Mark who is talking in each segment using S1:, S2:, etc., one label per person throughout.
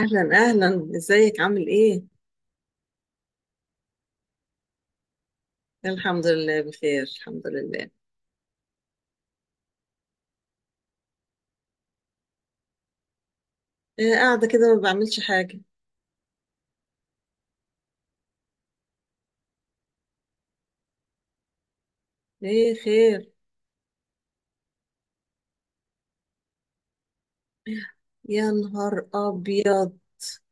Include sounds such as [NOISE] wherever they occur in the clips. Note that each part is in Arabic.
S1: أهلا أهلا، إزيك؟ عامل إيه؟ الحمد لله بخير، الحمد لله. إيه، قاعدة كده ما بعملش حاجة. إيه خير؟ يا نهار أبيض.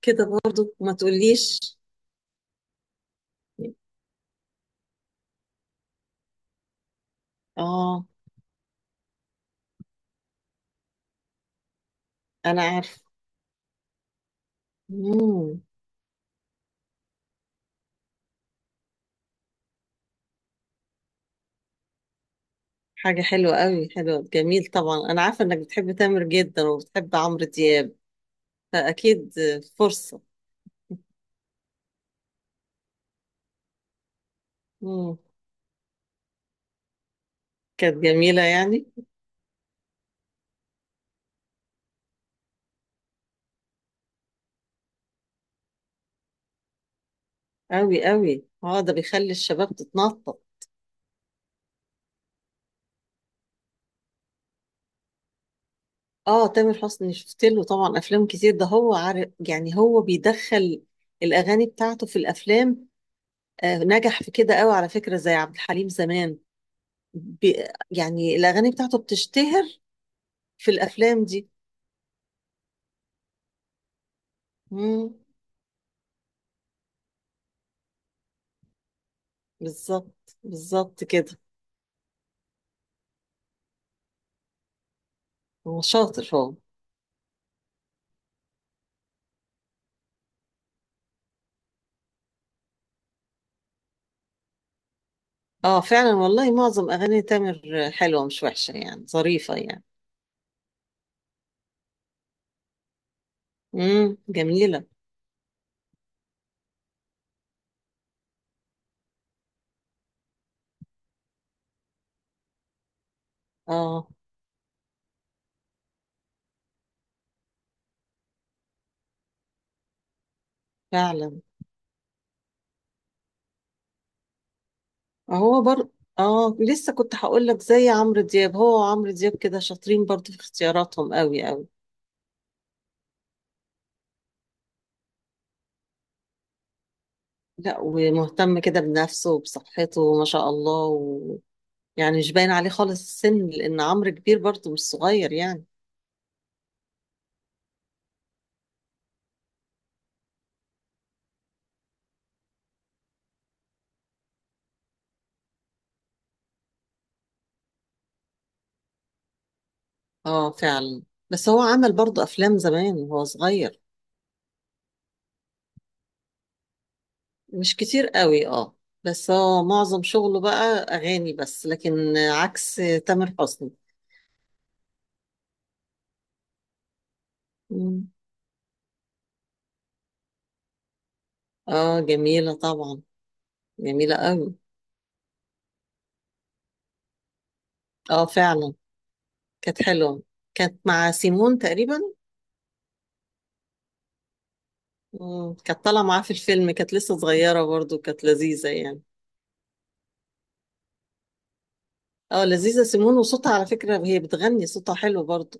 S1: كده برضو ما تقوليش. آه. أنا عارفة. مم. حاجة حلوة قوي، حلوة، جميل. طبعا أنا عارفة إنك بتحب تامر جدا وبتحب عمرو دياب، فأكيد فرصة. مم. كانت جميلة يعني. قوي قوي، اه، ده بيخلي الشباب تتنطط. اه، تامر حسني شفت له طبعا افلام كتير، ده هو عارف يعني، هو بيدخل الاغاني بتاعته في الافلام. نجح في كده قوي على فكره، زي عبد الحليم زمان. بي يعني الاغاني بتاعته بتشتهر في الافلام دي. امم بالظبط بالظبط كده. هو شاطر هو. اه فعلا، والله معظم اغاني تامر حلوه مش وحشه يعني، ظريفه يعني. جميله. اه فعلا. هو بر اه، لسه كنت هقول لك زي عمرو دياب، هو وعمرو دياب كده شاطرين برضو في اختياراتهم قوي قوي. لا، ومهتم كده بنفسه وبصحته ما شاء الله. يعني مش باين عليه خالص السن، لان عمرو كبير برضو مش صغير يعني. اه فعلا. بس هو عمل برضو افلام زمان وهو صغير. مش كتير قوي، اه. بس هو معظم شغله بقى اغاني بس، لكن عكس تامر حسني. مم. اه جميلة طبعا. جميلة قوي. اه فعلا. كانت حلوة. كانت مع سيمون تقريبا. مم. كانت طالعة معاه في الفيلم، كانت لسه صغيرة برضو، كانت لذيذة يعني. اه، لذيذة سيمون، وصوتها على فكرة هي بتغني، صوتها حلو برضو.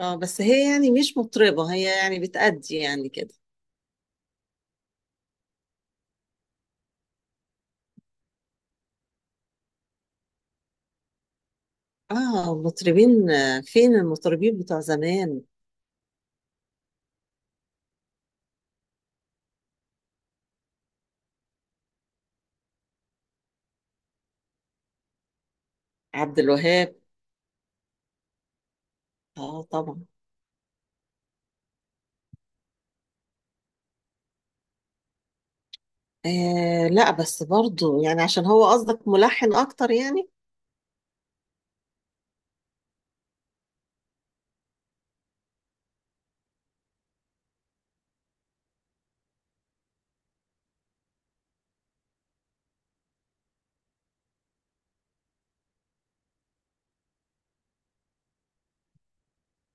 S1: اه، بس هي يعني مش مطربة، هي يعني بتأدي يعني كده. اه، مطربين. فين المطربين بتوع زمان؟ عبد الوهاب. اه طبعا. لا، بس برضو يعني، عشان هو قصدك ملحن اكتر يعني.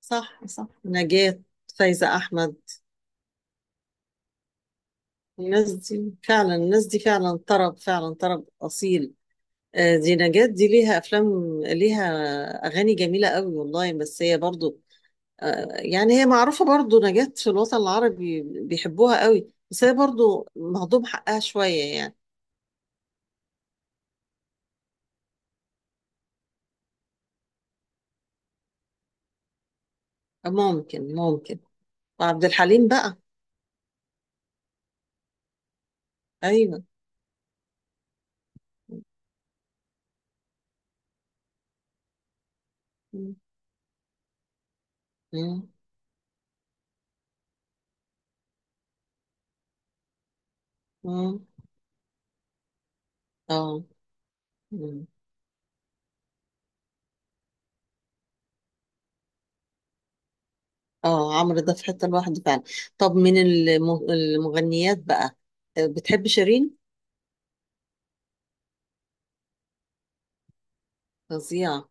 S1: صح صح، نجاة. فايزة احمد. الناس دي فعلا، الناس دي فعلا طرب، فعلا طرب أصيل. دي نجاة، دي ليها أفلام، ليها أغاني جميلة قوي والله. بس هي برضو، يعني هي معروفة برضو نجاة في الوطن العربي، بيحبوها قوي، بس هي برضو مهضوم حقها شوية يعني. آه، ممكن ممكن. وعبد الحليم بقى. أيوه. مم. مم. مم. اه. مم. اه، عمرو ده في حتة لوحده فعلا. طب من المغنيات بقى، بتحب شيرين؟ فظيعة.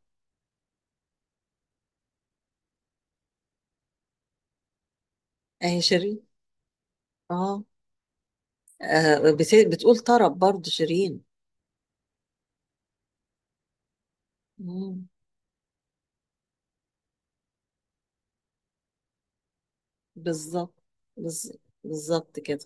S1: اهي شيرين. اه. بتقول طرب برضو شيرين؟ مم. بالظبط. بالظ- بالظبط كده.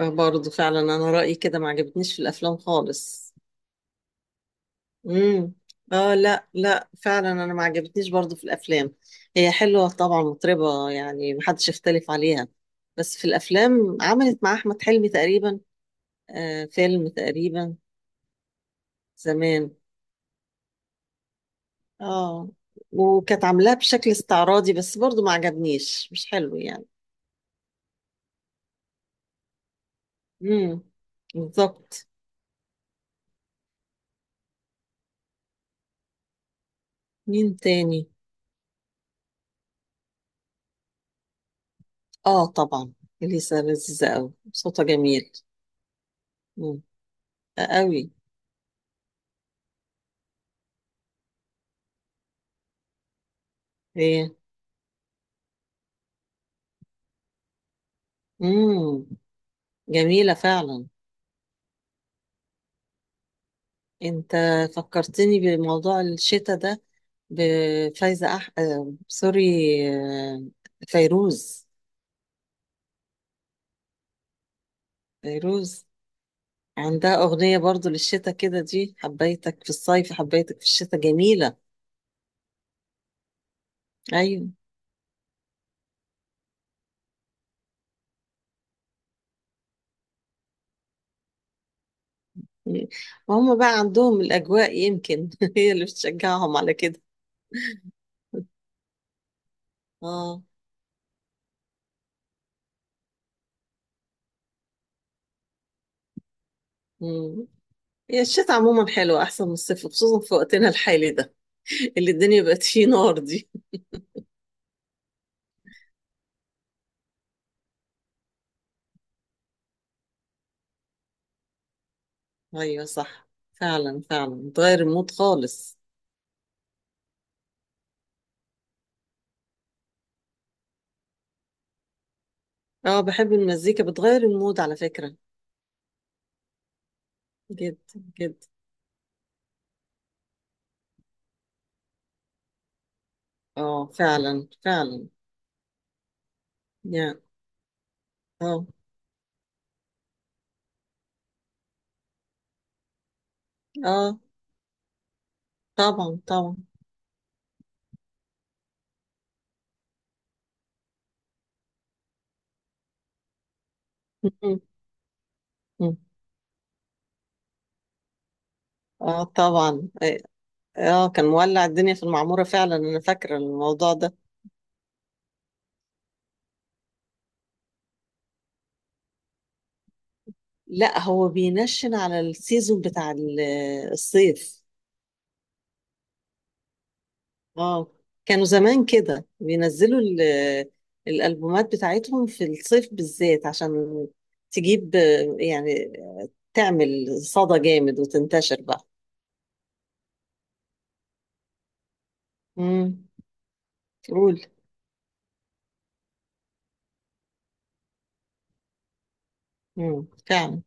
S1: برضو فعلا، انا رأيي كده ما عجبتنيش في الافلام خالص. امم اه لا لا، فعلا انا ما عجبتنيش برضو في الافلام. هي حلوة طبعا، مطربة يعني محدش يختلف عليها. بس في الافلام عملت مع احمد حلمي تقريبا فيلم تقريبا، زمان. اه، وكانت عاملاه بشكل استعراضي، بس برضو ما عجبنيش مش حلو يعني. امم بالظبط. مين تاني؟ اه طبعا، اليسا لذيذة قوي، صوتها جميل. امم قوي. هي. امم جميلة فعلا. انت فكرتني بموضوع الشتاء ده. بفايزة سوري. آه، فيروز. فيروز عندها أغنية برضو للشتاء كده، دي حبيتك في الصيف، حبيتك في الشتاء، جميلة. أيوة. وهم بقى عندهم الأجواء يمكن، [LAUGHS] هي اللي بتشجعهم على كده. اه. مم. هي الشتاء عموما حلوة، أحسن من الصيف، خصوصا في وقتنا الحالي ده اللي الدنيا بقت فيه نار دي. أيوة صح. فعلا فعلا، بتغير المود خالص. اه، بحب المزيكا، بتغير المود على فكرة. جدا. جدا. اه فعلا فعلا. يعني. اه. اه طبعا طبعا. مم. مم. اه طبعا. إيه، اه، كان مولع الدنيا في المعمورة فعلا، أنا فاكرة الموضوع ده. لا، هو بينشن على السيزون بتاع الصيف. اه، كانوا زمان كده بينزلوا الألبومات بتاعتهم في الصيف بالذات، عشان تجيب، يعني تعمل صدى جامد وتنتشر بقى. امم قول. فعلا.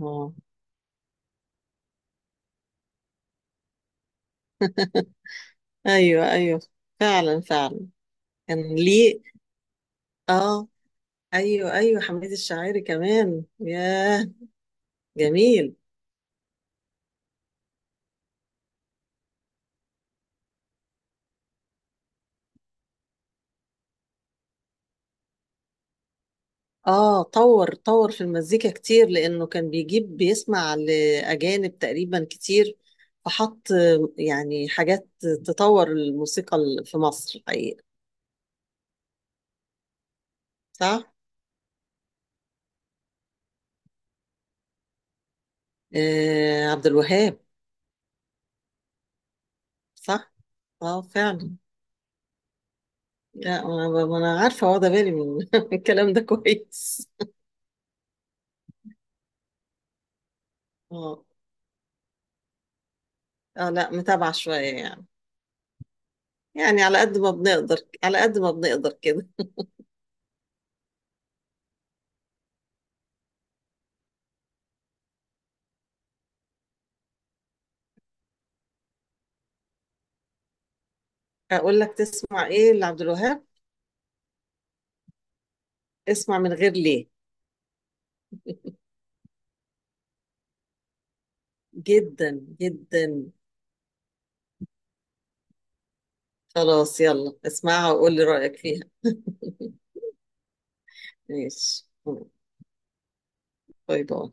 S1: اه. ايوه ايوه، فعلا فعلا. كان ليه. اه. ايوه ايوه، حميد الشاعري كمان. ياه، جميل. اه، طور طور في المزيكا كتير، لانه كان بيجيب بيسمع لاجانب تقريبا كتير، فحط يعني حاجات تطور الموسيقى في مصر، الحقيقه. صح. عبد الوهاب. صح. اه فعلا. لا، انا، ما أنا عارفه واخده بالي من [LAUGHS] الكلام ده كويس. اه. اه لا، متابعه شويه يعني. يعني على قد ما بنقدر، على قد ما بنقدر كده. اقول لك تسمع ايه لعبد الوهاب؟ اسمع من غير ليه. جدا جدا. خلاص، يلا اسمعها وقول لي رأيك فيها. ماشي. باي باي.